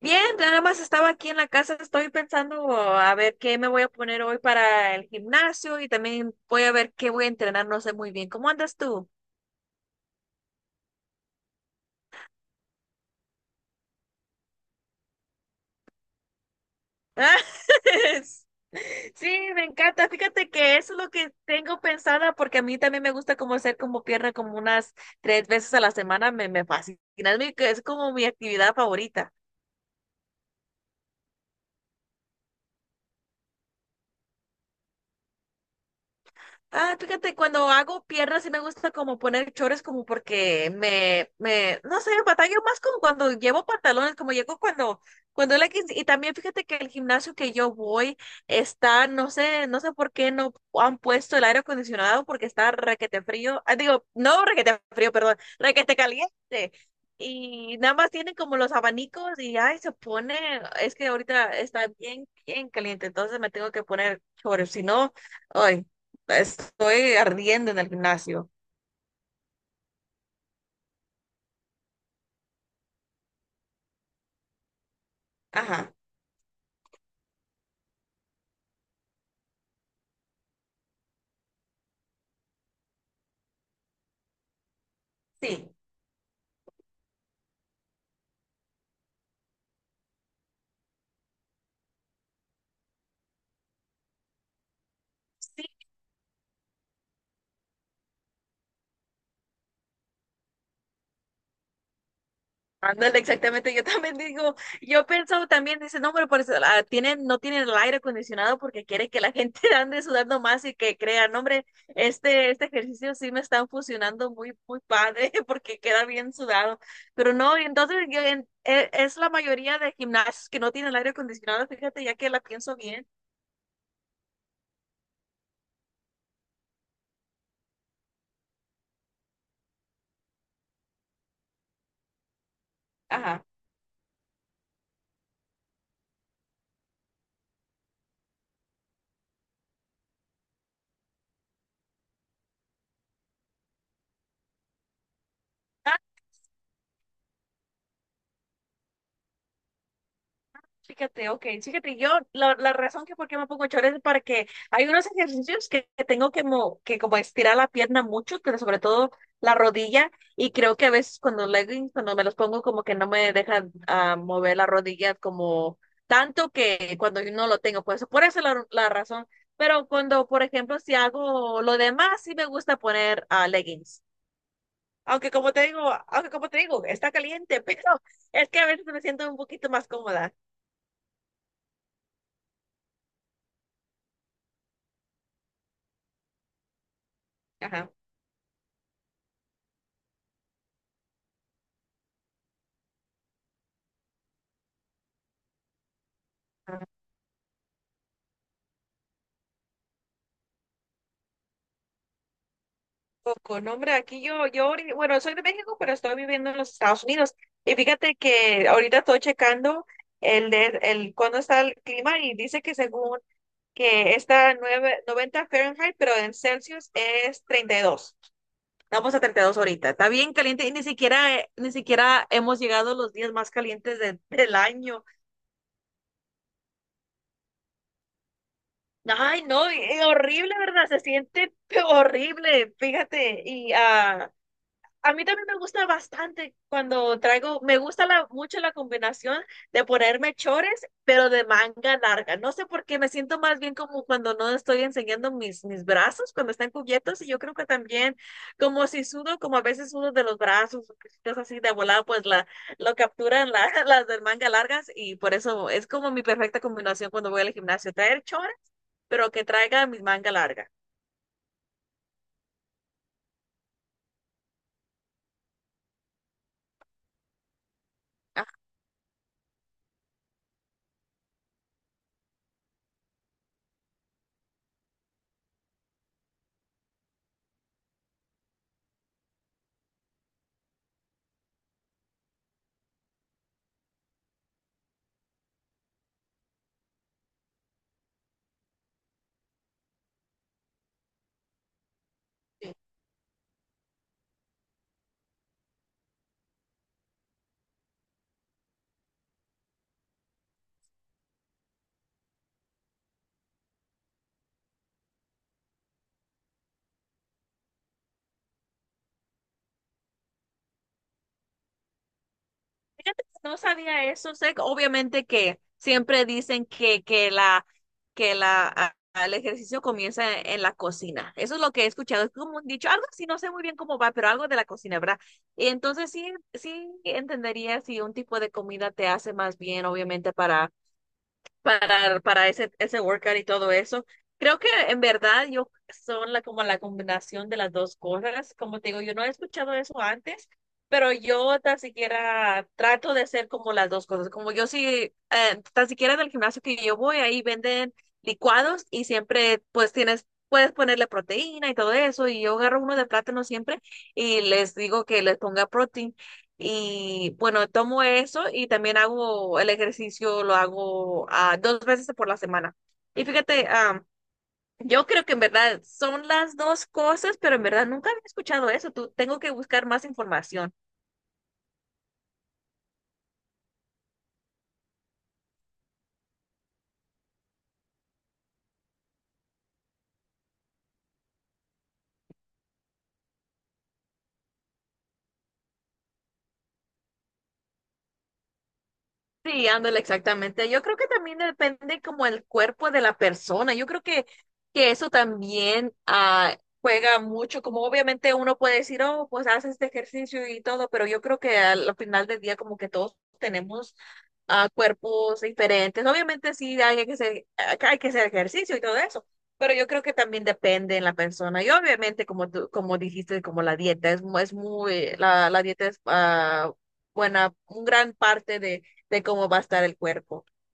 Bien, nada más estaba aquí en la casa, estoy pensando a ver qué me voy a poner hoy para el gimnasio y también voy a ver qué voy a entrenar, no sé muy bien. ¿Cómo andas tú? Ah, Sí, me encanta. Fíjate que eso es lo que tengo pensada porque a mí también me gusta como hacer como pierna como unas tres veces a la semana, me fascina, es como mi actividad favorita. Ah, fíjate, cuando hago piernas sí me gusta como poner chores como porque no sé, batallo más como cuando llevo pantalones, como llego y también fíjate que el gimnasio que yo voy está, no sé por qué no han puesto el aire acondicionado porque está requete frío, digo, no requete frío, perdón, requete caliente. Y nada más tienen como los abanicos y ay, se pone, es que ahorita está bien, bien caliente, entonces me tengo que poner chores, si no, ay. Estoy ardiendo en el gimnasio. Ajá, sí. Sí, ándale, exactamente. Yo también digo, yo pensaba también, dice, no, pero por eso, no tienen el aire acondicionado porque quiere que la gente ande sudando más y que crean, hombre, este ejercicio sí me están funcionando muy, muy padre porque queda bien sudado. Pero no, y entonces es la mayoría de gimnasios que no tienen el aire acondicionado, fíjate, ya que la pienso bien. Ajá. Fíjate, ok, fíjate, yo la razón que por qué me pongo chores es para que hay unos ejercicios que tengo que como estirar la pierna mucho, pero sobre todo la rodilla, y creo que a veces cuando leggings, cuando me los pongo como que no me dejan mover la rodilla como tanto que cuando yo no lo tengo, pues por eso la razón, pero cuando, por ejemplo, si hago lo demás, sí me gusta poner leggings. Aunque como te digo, aunque como te digo, está caliente, pero es que a veces me siento un poquito más cómoda. Ajá. Poco, no, hombre, aquí bueno, soy de México, pero estoy viviendo en los Estados Unidos. Y fíjate que ahorita estoy checando cuándo está el clima y dice que según que está 90 Fahrenheit, pero en Celsius es 32. Vamos a 32 ahorita. Está bien caliente y ni siquiera, ni siquiera hemos llegado a los días más calientes del año. Ay, no, y horrible, ¿verdad? Se siente horrible, fíjate. Y a mí también me gusta bastante cuando traigo, me gusta mucho la combinación de ponerme chores, pero de manga larga. No sé por qué me siento más bien como cuando no estoy enseñando mis brazos, cuando están cubiertos. Y yo creo que también, como si sudo, como a veces sudo de los brazos, cosas así de volada, pues lo capturan las del manga largas. Y por eso es como mi perfecta combinación cuando voy al gimnasio, traer chores, pero que traiga mi manga larga. Ajá. Fíjate que no sabía eso, sé que obviamente que siempre dicen que el ejercicio comienza en la cocina. Eso es lo que he escuchado, es como un dicho, algo así, no sé muy bien cómo va, pero algo de la cocina, ¿verdad? Y entonces sí, sí entendería si un tipo de comida te hace más bien, obviamente, para ese workout y todo eso. Creo que en verdad yo son como la combinación de las dos cosas. Como te digo, yo no he escuchado eso antes, pero yo tan siquiera trato de hacer como las dos cosas. Como yo sí, tan siquiera en el gimnasio que yo voy, ahí venden licuados y siempre pues tienes, puedes ponerle proteína y todo eso. Y yo agarro uno de plátano siempre y les digo que les ponga proteína y bueno, tomo eso y también hago el ejercicio, lo hago dos veces por la semana. Y fíjate, yo creo que en verdad son las dos cosas, pero en verdad nunca había escuchado eso. Tú, tengo que buscar más información. Sí, ándale, exactamente. Yo creo que también depende como el cuerpo de la persona. Yo creo que eso también juega mucho, como obviamente uno puede decir, oh, pues haces este ejercicio y todo, pero yo creo que al final del día como que todos tenemos cuerpos diferentes. Obviamente sí hay que hacer ejercicio y todo eso, pero yo creo que también depende en la persona. Y obviamente como tú, como dijiste, como la dieta es muy, la dieta es buena, un gran parte de cómo va a estar el cuerpo.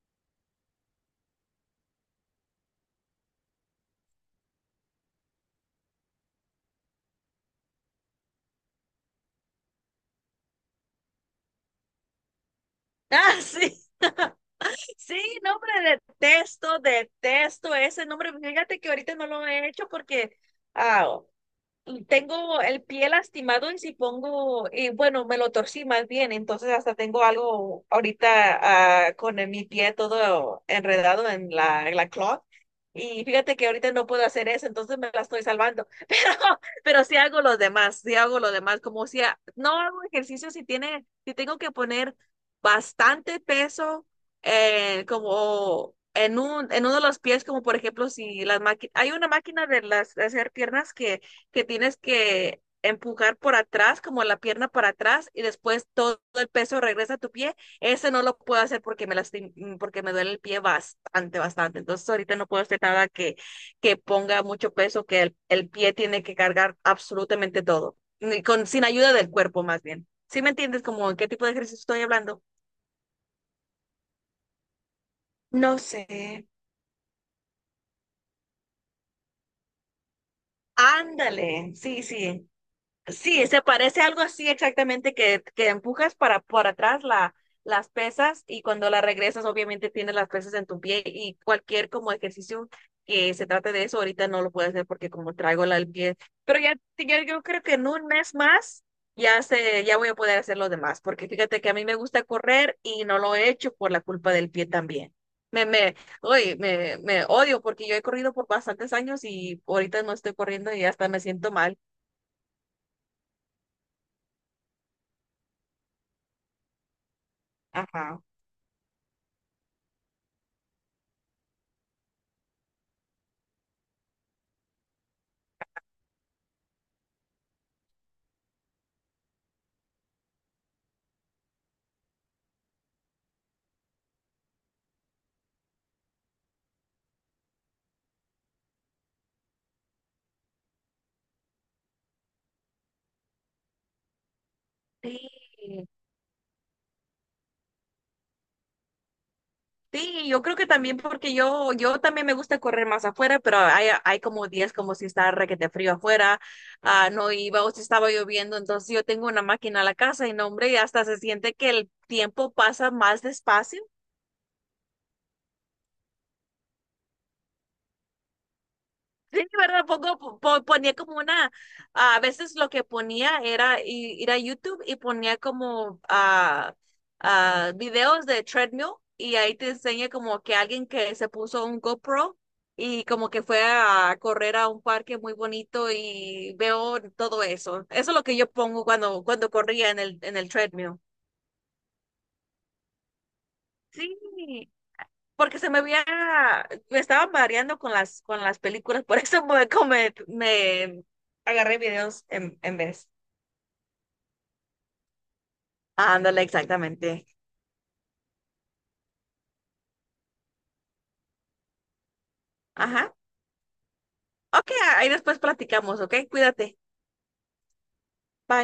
Ah, sí, sí, nombre, detesto, detesto ese nombre. Fíjate que ahorita no lo he hecho porque ah, Tengo el pie lastimado y si pongo, y bueno, me lo torcí más bien, entonces hasta tengo algo ahorita con mi pie todo enredado en la cloth. Y fíjate que ahorita no puedo hacer eso, entonces me la estoy salvando. Pero sí hago los demás, sí hago los demás, como si no hago ejercicio si si tengo que poner bastante peso como en en uno de los pies, como por ejemplo si las máquinas, hay una máquina de las de hacer piernas que tienes que empujar por atrás, como la pierna para atrás, y después todo el peso regresa a tu pie. Ese no lo puedo hacer porque porque me duele el pie bastante, bastante. Entonces ahorita no puedo hacer nada que ponga mucho peso, que el pie tiene que cargar absolutamente todo, ni con, sin ayuda del cuerpo más bien. ¿Sí me entiendes como en qué tipo de ejercicio estoy hablando? No sé. Ándale, sí, sí. Sí, se parece algo así exactamente que empujas para por atrás las pesas y cuando la regresas obviamente tienes las pesas en tu pie y cualquier como ejercicio que se trate de eso ahorita no lo puedo hacer porque como traigo la el pie. Pero ya yo creo que en un mes más ya voy a poder hacer lo demás porque fíjate que a mí me gusta correr y no lo he hecho por la culpa del pie también. Me, me, Uy, me odio porque yo he corrido por bastantes años y ahorita no estoy corriendo y hasta me siento mal. Ajá. Sí, sí, yo creo que también porque yo, también me gusta correr más afuera, pero hay como días como si está requete frío afuera, no iba o si estaba lloviendo, entonces yo tengo una máquina a la casa y no, hombre, hasta se siente que el tiempo pasa más despacio. Sí, ¿verdad? Pongo, po- ponía como una, A veces lo que ponía era ir a YouTube y ponía como videos de treadmill y ahí te enseña como que alguien que se puso un GoPro y como que fue a correr a un parque muy bonito y veo todo eso. Eso es lo que yo pongo cuando, cuando corría en el treadmill. Sí, porque me estaba mareando con con las películas, por eso como me agarré videos en vez. Ándale, exactamente. Ajá. Ok, ahí después platicamos, ok, cuídate. Bye.